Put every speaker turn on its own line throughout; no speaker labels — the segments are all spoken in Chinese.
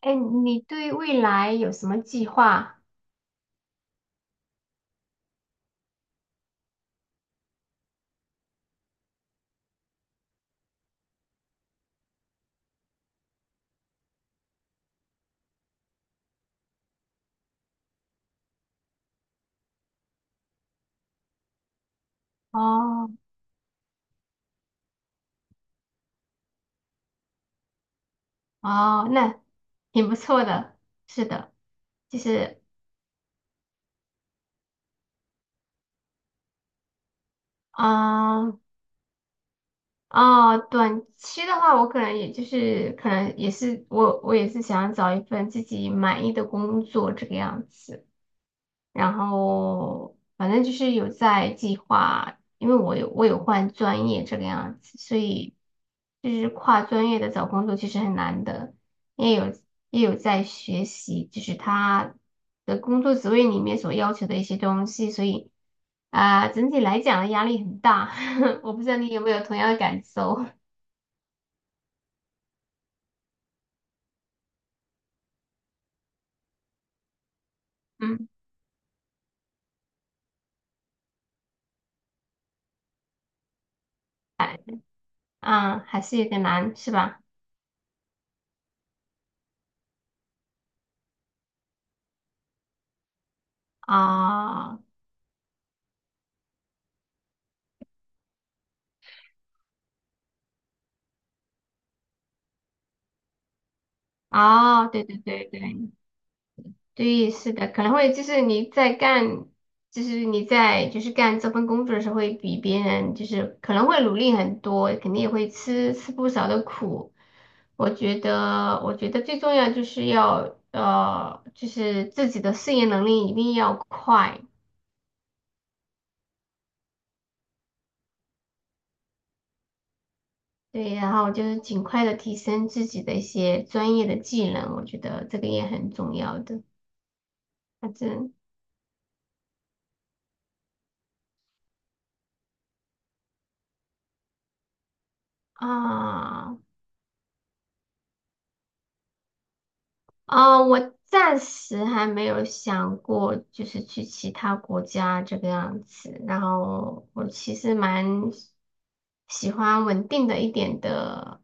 哎，你对未来有什么计划？哦哦，那挺不错的。是的，就是嗯哦，短期的话，我可能也就是可能也是我也是想找一份自己满意的工作这个样子。然后反正就是有在计划，因为我有换专业这个样子，所以就是跨专业的找工作其实很难的，也有也有在学习，就是他的工作职位里面所要求的一些东西，所以啊、整体来讲压力很大，我不知道你有没有同样的感受，嗯，啊，还是有点难，是吧？啊，哦，对对对对。对，是的，可能会就是你在干，就是你在就是干这份工作的时候，会比别人就是可能会努力很多，肯定也会吃吃不少的苦。我觉得，我觉得最重要就是要就是自己的适应能力一定要快，对，然后就是尽快的提升自己的一些专业的技能，我觉得这个也很重要的。反正啊。啊，我暂时还没有想过，就是去其他国家这个样子。然后我其实蛮喜欢稳定的一点的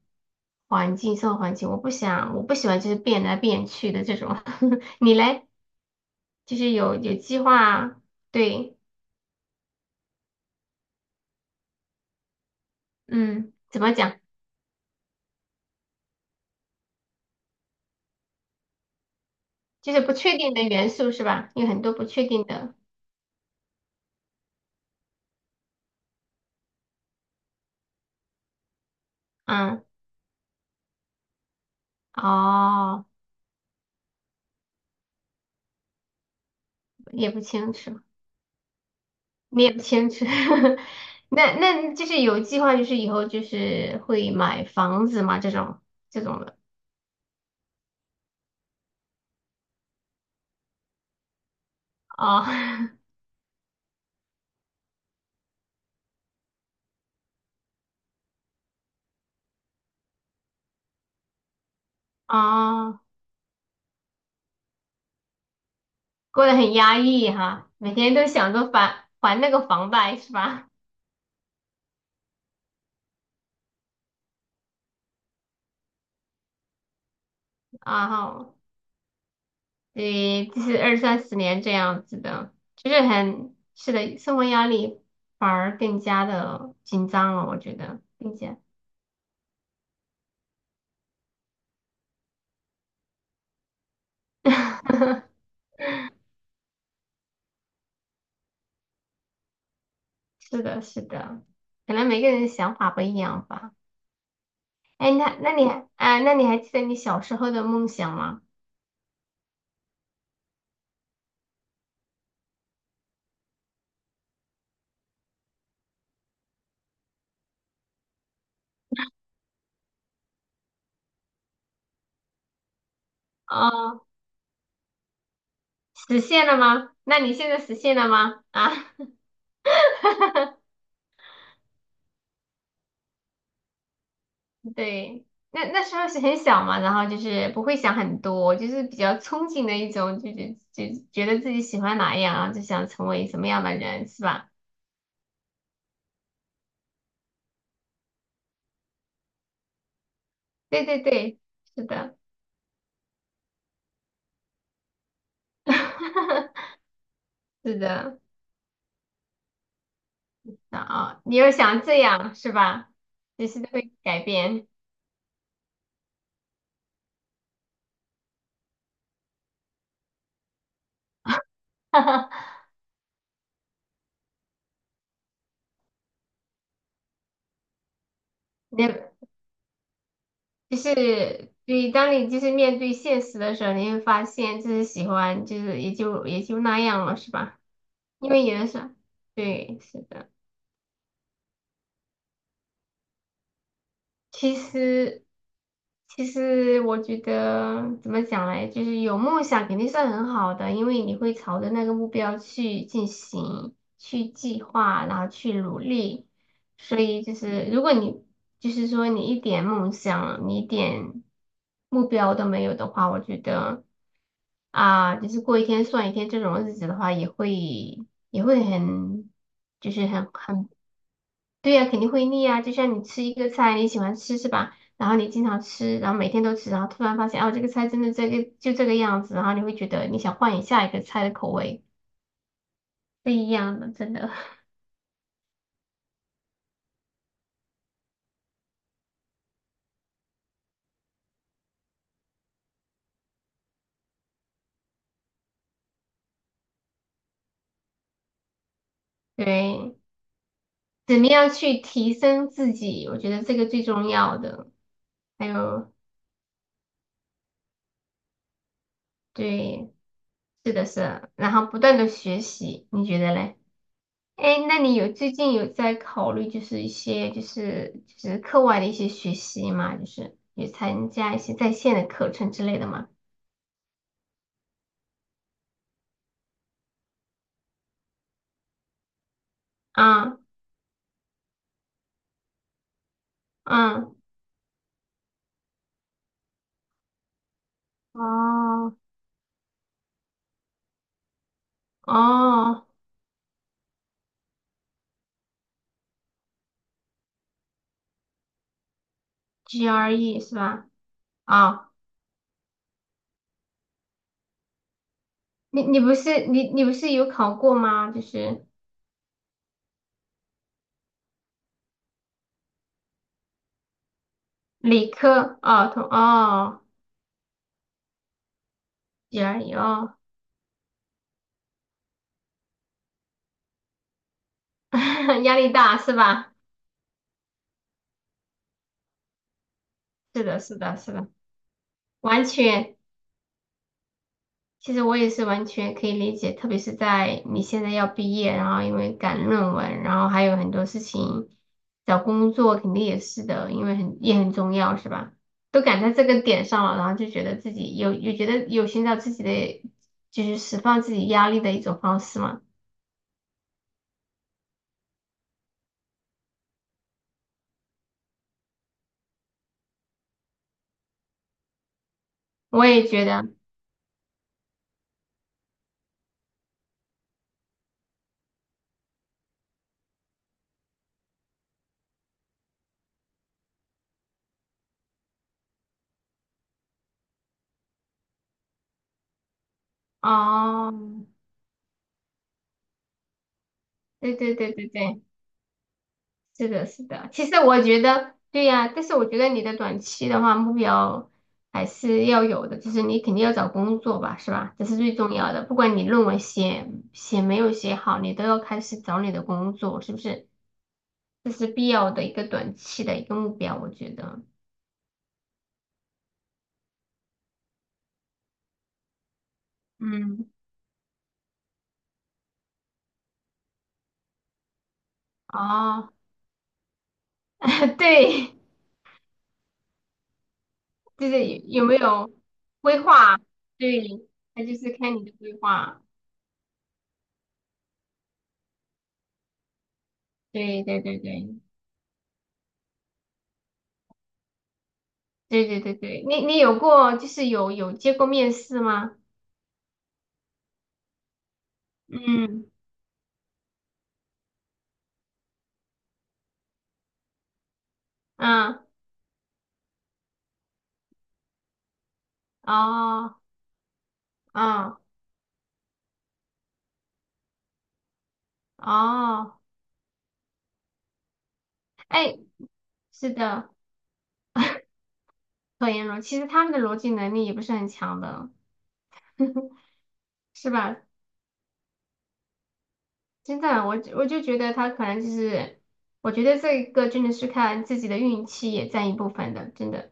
环境，生活环境。我不想，我不喜欢就是变来变去的这种。你嘞？就是有有计划，对，嗯，怎么讲？就是不确定的元素是吧？有很多不确定的，嗯，哦，也不清楚。你也不牵扯，那那就是有计划，就是以后就是会买房子嘛，这种这种的啊啊哦 哦过得很压抑哈，每天都想着还还那个房贷是吧？啊哈，对，就是二三十年这样子的，就是很是的，生活压力反而更加的紧张了，我觉得，并且 是的，是的，可能每个人想法不一样吧。哎，那那你还啊，那你还记得你小时候的梦想吗？哦，实现了吗？那你现在实现了吗？啊，对，那那时候是很小嘛，然后就是不会想很多，就是比较憧憬的一种，就就就觉得自己喜欢哪样啊，然后就想成为什么样的人，是吧？对对对，是的，是的，啊，哦你又想这样是吧？只是会改变。你就是对，当你就是面对现实的时候，你会发现就是喜欢，就是也就也就那样了，是吧？因为有的时候，对，是的。其实，其实我觉得怎么讲嘞，就是有梦想肯定是很好的，因为你会朝着那个目标去进行、去计划，然后去努力。所以就是，如果你就是说你一点梦想、你一点目标都没有的话，我觉得啊，就是过一天算一天这种日子的话，也会也会很就是很很对呀，肯定会腻啊。就像你吃一个菜，你喜欢吃是吧？然后你经常吃，然后每天都吃，然后突然发现哦，这个菜真的这个就这个样子，然后你会觉得你想换一下一个菜的口味，不一样的，真的。对，怎么样去提升自己？我觉得这个最重要的。还有，对，是的是的然后不断的学习，你觉得嘞？哎，那你有最近有在考虑就是一些就是就是课外的一些学习嘛？就是有参加一些在线的课程之类的吗？嗯嗯，哦，哦，GRE 是吧？哦，你你不是你你不是有考过吗？就是理科哦，同哦，GRE 哦，压力大是吧？是的，是的，是的，完全。其实我也是完全可以理解，特别是在你现在要毕业，然后因为赶论文，然后还有很多事情，找工作肯定也是的，因为很也很重要，是吧？都赶在这个点上了，然后就觉得自己有有觉得有寻找自己的，就是释放自己压力的一种方式嘛。我也觉得，哦，对对对对对。是的，是的。其实我觉得，对呀，但是我觉得你的短期的话目标还是要有的，就是你肯定要找工作吧，是吧？这是最重要的。不管你论文写写没有写好，你都要开始找你的工作，是不是？这是必要的一个短期的一个目标，我觉得。嗯，哦，对，就是有有没有规划？对，那就是看你的规划。对对对对，对对对对，你你有过就是有有接过面试吗？嗯嗯哦嗯哦，哎，是的，可言逻，其实他们的逻辑能力也不是很强的，是吧？真的，我我就觉得他可能就是，我觉得这个真的是看自己的运气也占一部分的，真的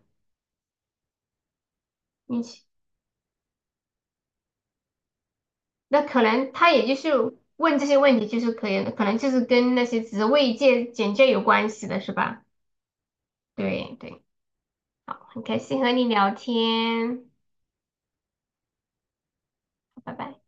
运气。那可能他也就是问这些问题，就是可以，可能就是跟那些职位介简介有关系的，是吧？对对。很开心和你聊天，拜拜。